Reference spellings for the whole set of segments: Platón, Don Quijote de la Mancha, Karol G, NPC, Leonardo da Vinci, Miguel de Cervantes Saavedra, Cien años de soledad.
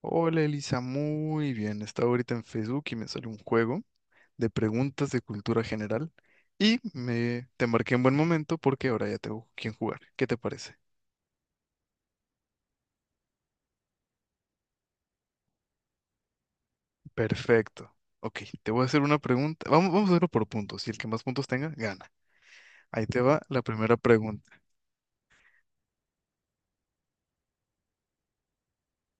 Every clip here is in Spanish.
Hola Elisa, muy bien. Estaba ahorita en Facebook y me salió un juego de preguntas de cultura general y me te marqué en buen momento porque ahora ya tengo quien jugar. ¿Qué te parece? Perfecto. Ok, te voy a hacer una pregunta. Vamos a hacerlo por puntos y el que más puntos tenga, gana. Ahí te va la primera pregunta.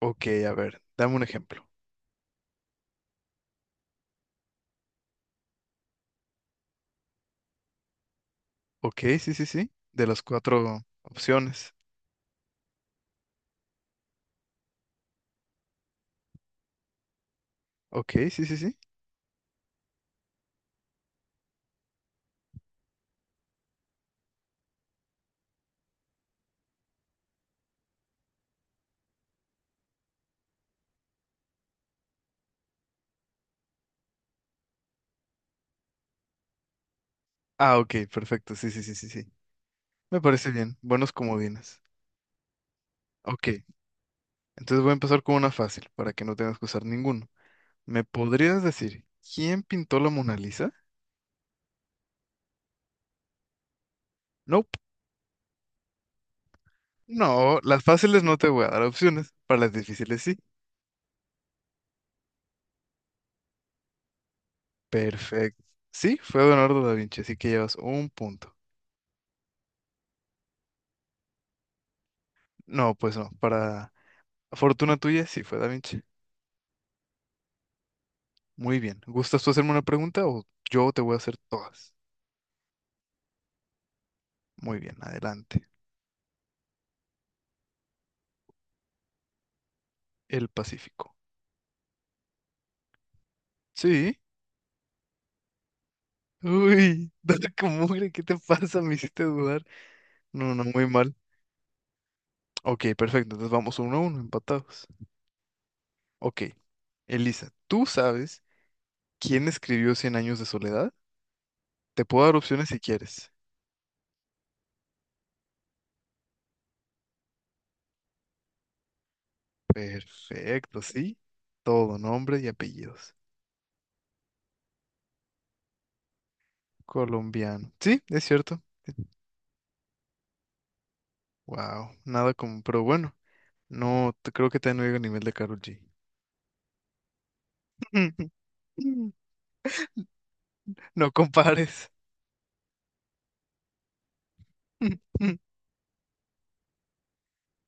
Ok, a ver, dame un ejemplo. Ok, sí, sí, sí. De las cuatro opciones. Ok, sí, sí, sí. Ah, ok, perfecto. Sí, sí, sí, sí, sí. Me parece bien. Buenos comodines. Ok. Entonces voy a empezar con una fácil, para que no tengas que usar ninguno. ¿Me podrías decir quién pintó la Mona Lisa? Nope. No, las fáciles no te voy a dar opciones, para las difíciles sí. Perfecto. Sí, fue Leonardo da Vinci, así que llevas un punto. No, pues no, para fortuna tuya sí fue da Vinci. Muy bien. ¿Gustas tú hacerme una pregunta o yo te voy a hacer todas? Muy bien, adelante. El Pacífico. Sí. Uy, dale como mugre, ¿qué te pasa? Me hiciste dudar. No, no, muy mal. Ok, perfecto. Entonces vamos uno a uno, empatados. Ok. Elisa, ¿tú sabes quién escribió Cien años de soledad? Te puedo dar opciones si quieres. Perfecto, sí. Todo, nombre y apellidos. Colombiano. Sí, es cierto. Wow, nada como, pero bueno, no te- creo que te no llego al nivel de Karol G. No compares.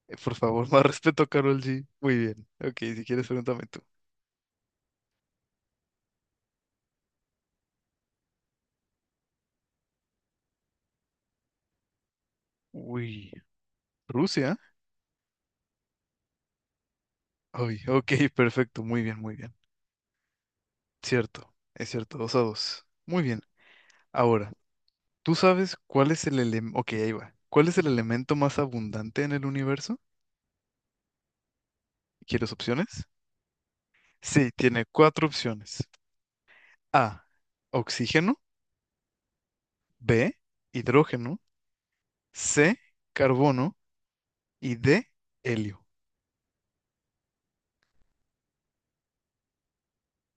Por favor, más respeto a Karol G. Muy bien. Ok, si quieres, pregúntame tú. Uy, Rusia. Ay, ok, perfecto. Muy bien, muy bien. Cierto, es cierto, dos a dos. Muy bien. Ahora, ¿tú sabes cuál es el elemento? Ok, ahí va. ¿Cuál es el elemento más abundante en el universo? ¿Quieres opciones? Sí, tiene cuatro opciones. A, oxígeno, B, hidrógeno, C, carbono y D, helio.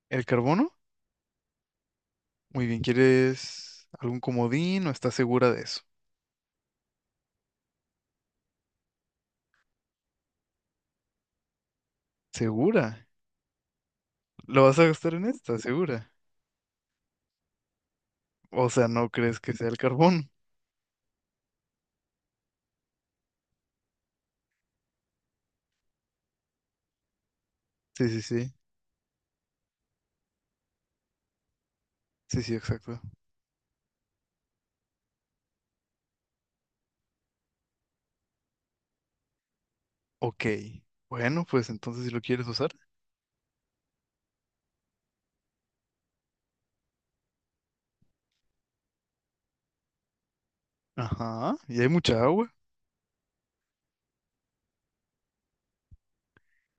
¿El carbono? Muy bien, ¿quieres algún comodín o estás segura de eso? ¿Segura? ¿Lo vas a gastar en esta? ¿Segura? O sea, ¿no crees que sea el carbono? Sí, sí, sí. Sí, sí, exacto. Ok. Bueno, pues entonces si lo quieres usar. Ajá. Y hay mucha agua.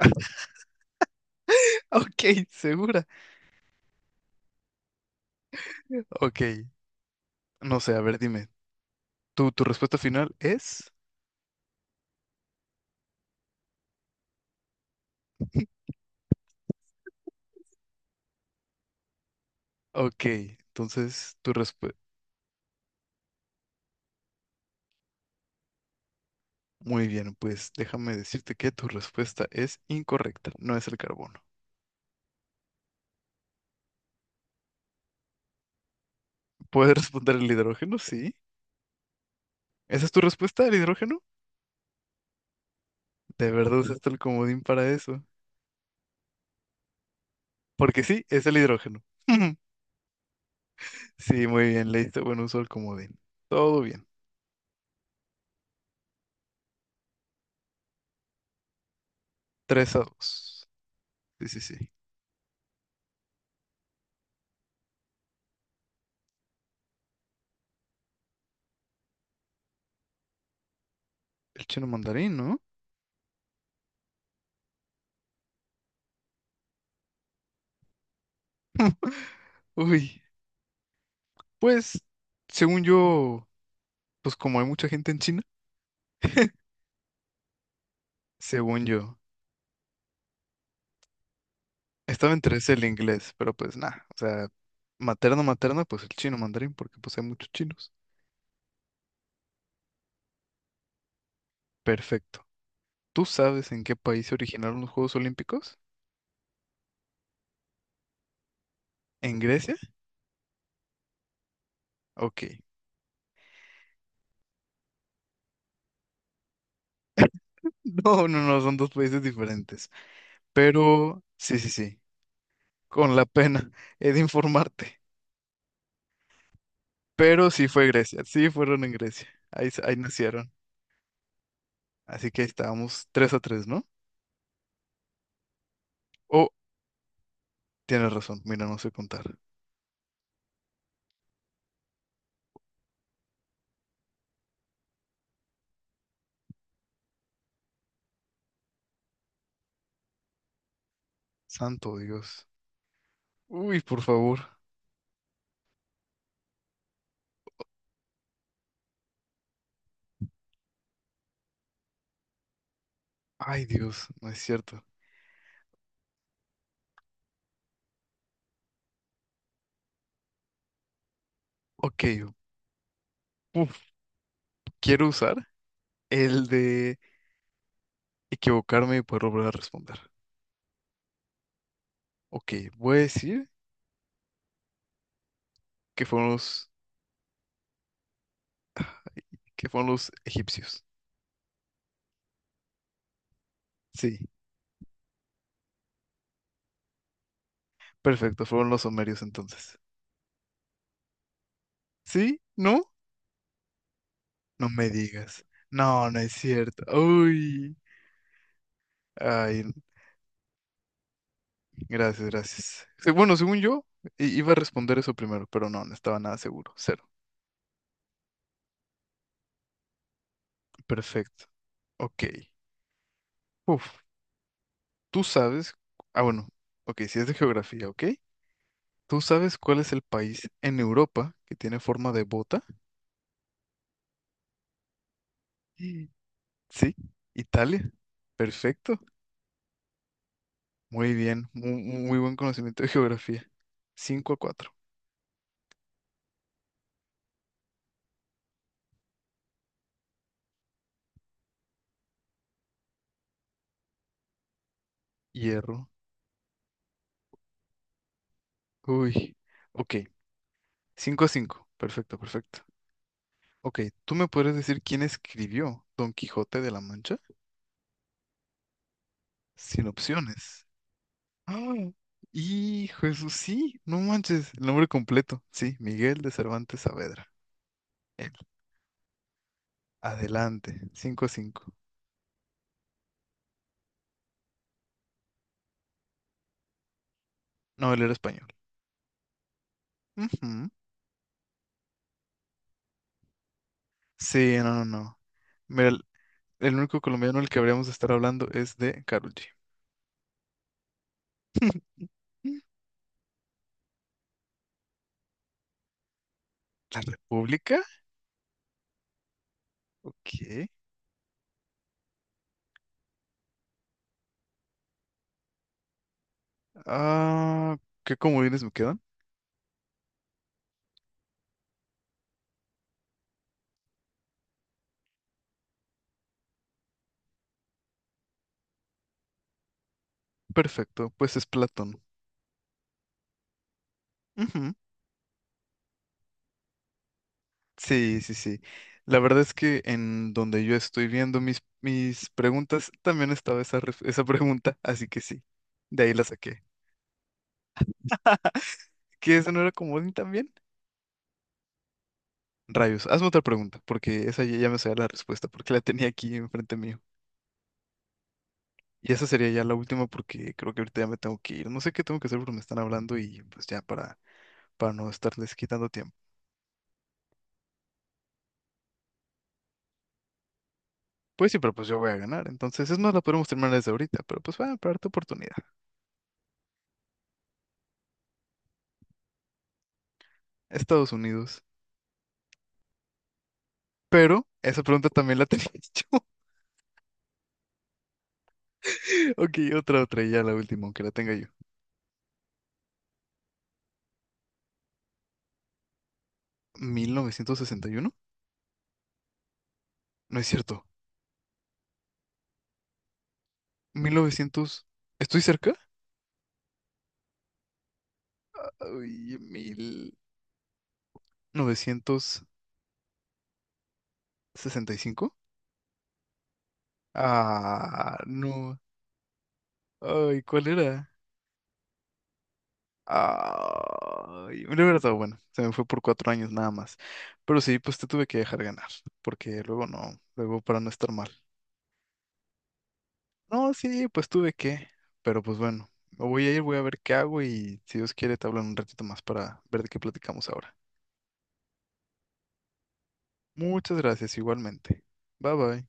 Ok, segura. Ok. No sé, a ver, dime. ¿Tu respuesta final es? Ok. Entonces, tu respuesta... Muy bien, pues déjame decirte que tu respuesta es incorrecta. No es el carbono. ¿Puedes responder el hidrógeno? Sí. ¿Esa es tu respuesta, el hidrógeno? De verdad usaste el comodín para eso. Porque sí, es el hidrógeno. Sí, muy bien, le diste buen uso al comodín. Todo bien. Tres a dos. Sí, sí, sí. El chino mandarín, ¿no? Uy, pues, según yo, pues como hay mucha gente en China, según yo, estaba entre ese y el inglés, pero pues nada, o sea, materno, pues el chino mandarín, porque pues hay muchos chinos. Perfecto. ¿Tú sabes en qué país se originaron los Juegos Olímpicos? ¿En Grecia? Ok. No, no, no, son dos países diferentes. Pero, sí, sí, sí, con la pena he de informarte. Pero sí fue Grecia, sí fueron en Grecia, ahí, ahí nacieron. Así que estábamos 3 a 3, ¿no? Oh, tienes razón, mira, no sé contar. Santo Dios. Uy, por favor. Ay, Dios, no es cierto. Ok, uf, quiero usar el de equivocarme para volver a responder. Ok, voy a decir que fueron los, que fueron los egipcios. Sí, perfecto, fueron los sumerios entonces. ¿Sí? ¿No? No me digas. No, no es cierto. Uy. Ay, gracias, gracias. Bueno, según yo, iba a responder eso primero, pero no, no estaba nada seguro. Cero. Perfecto. Ok. Uf, tú sabes. Ah, bueno. Ok, si es de geografía, ¿ok? ¿Tú sabes cuál es el país en Europa que tiene forma de bota? Sí. Sí, Italia. Perfecto. Muy bien. Muy, buen conocimiento de geografía. Cinco a cuatro. Hierro. Uy. Ok. Cinco a cinco. Perfecto, perfecto. Ok, ¿tú me podrías decir quién escribió Don Quijote de la Mancha? Sin opciones. Ah, hijo eso sí, no manches. El nombre completo. Sí, Miguel de Cervantes Saavedra. Él. Adelante. Cinco cinco. No, él era español. Ujú. Sí, no, no, no. Mira, el único colombiano del que habríamos de estar hablando es de Karol G. Mm. ¿La República? Ok. Ah, ¿qué comodines me quedan? Perfecto, pues es Platón. Ujú. Sí, sí, sí. La verdad es que en donde yo estoy viendo mis preguntas, también estaba esa, esa pregunta, así que sí, de ahí la saqué. ¿Que esa no era comodín también? Rayos, hazme otra pregunta, porque esa ya, ya me sabía la respuesta, porque la tenía aquí enfrente mío. Y esa sería ya la última, porque creo que ahorita ya me tengo que ir. No sé qué tengo que hacer porque me están hablando y pues ya para no estarles quitando tiempo. Pues sí, pero pues yo voy a ganar. Entonces, es más, la podemos terminar desde ahorita, pero pues voy a tu oportunidad. Estados Unidos. Pero esa pregunta también la tenía yo. Ok, otra, otra, y ya la última, aunque la tenga yo. ¿1961? No es cierto. 1900... ¿Estoy cerca? Ay, 1965. Ah, no. Ay, ¿cuál era? Ay, me lo hubiera estado bueno. Se me fue por cuatro años nada más. Pero sí, pues te tuve que dejar ganar, porque luego no, luego para no estar mal. No, sí, pues tuve que, pero pues bueno, me voy a ir, voy a ver qué hago y si Dios quiere te hablo en un ratito más para ver de qué platicamos ahora. Muchas gracias, igualmente. Bye bye.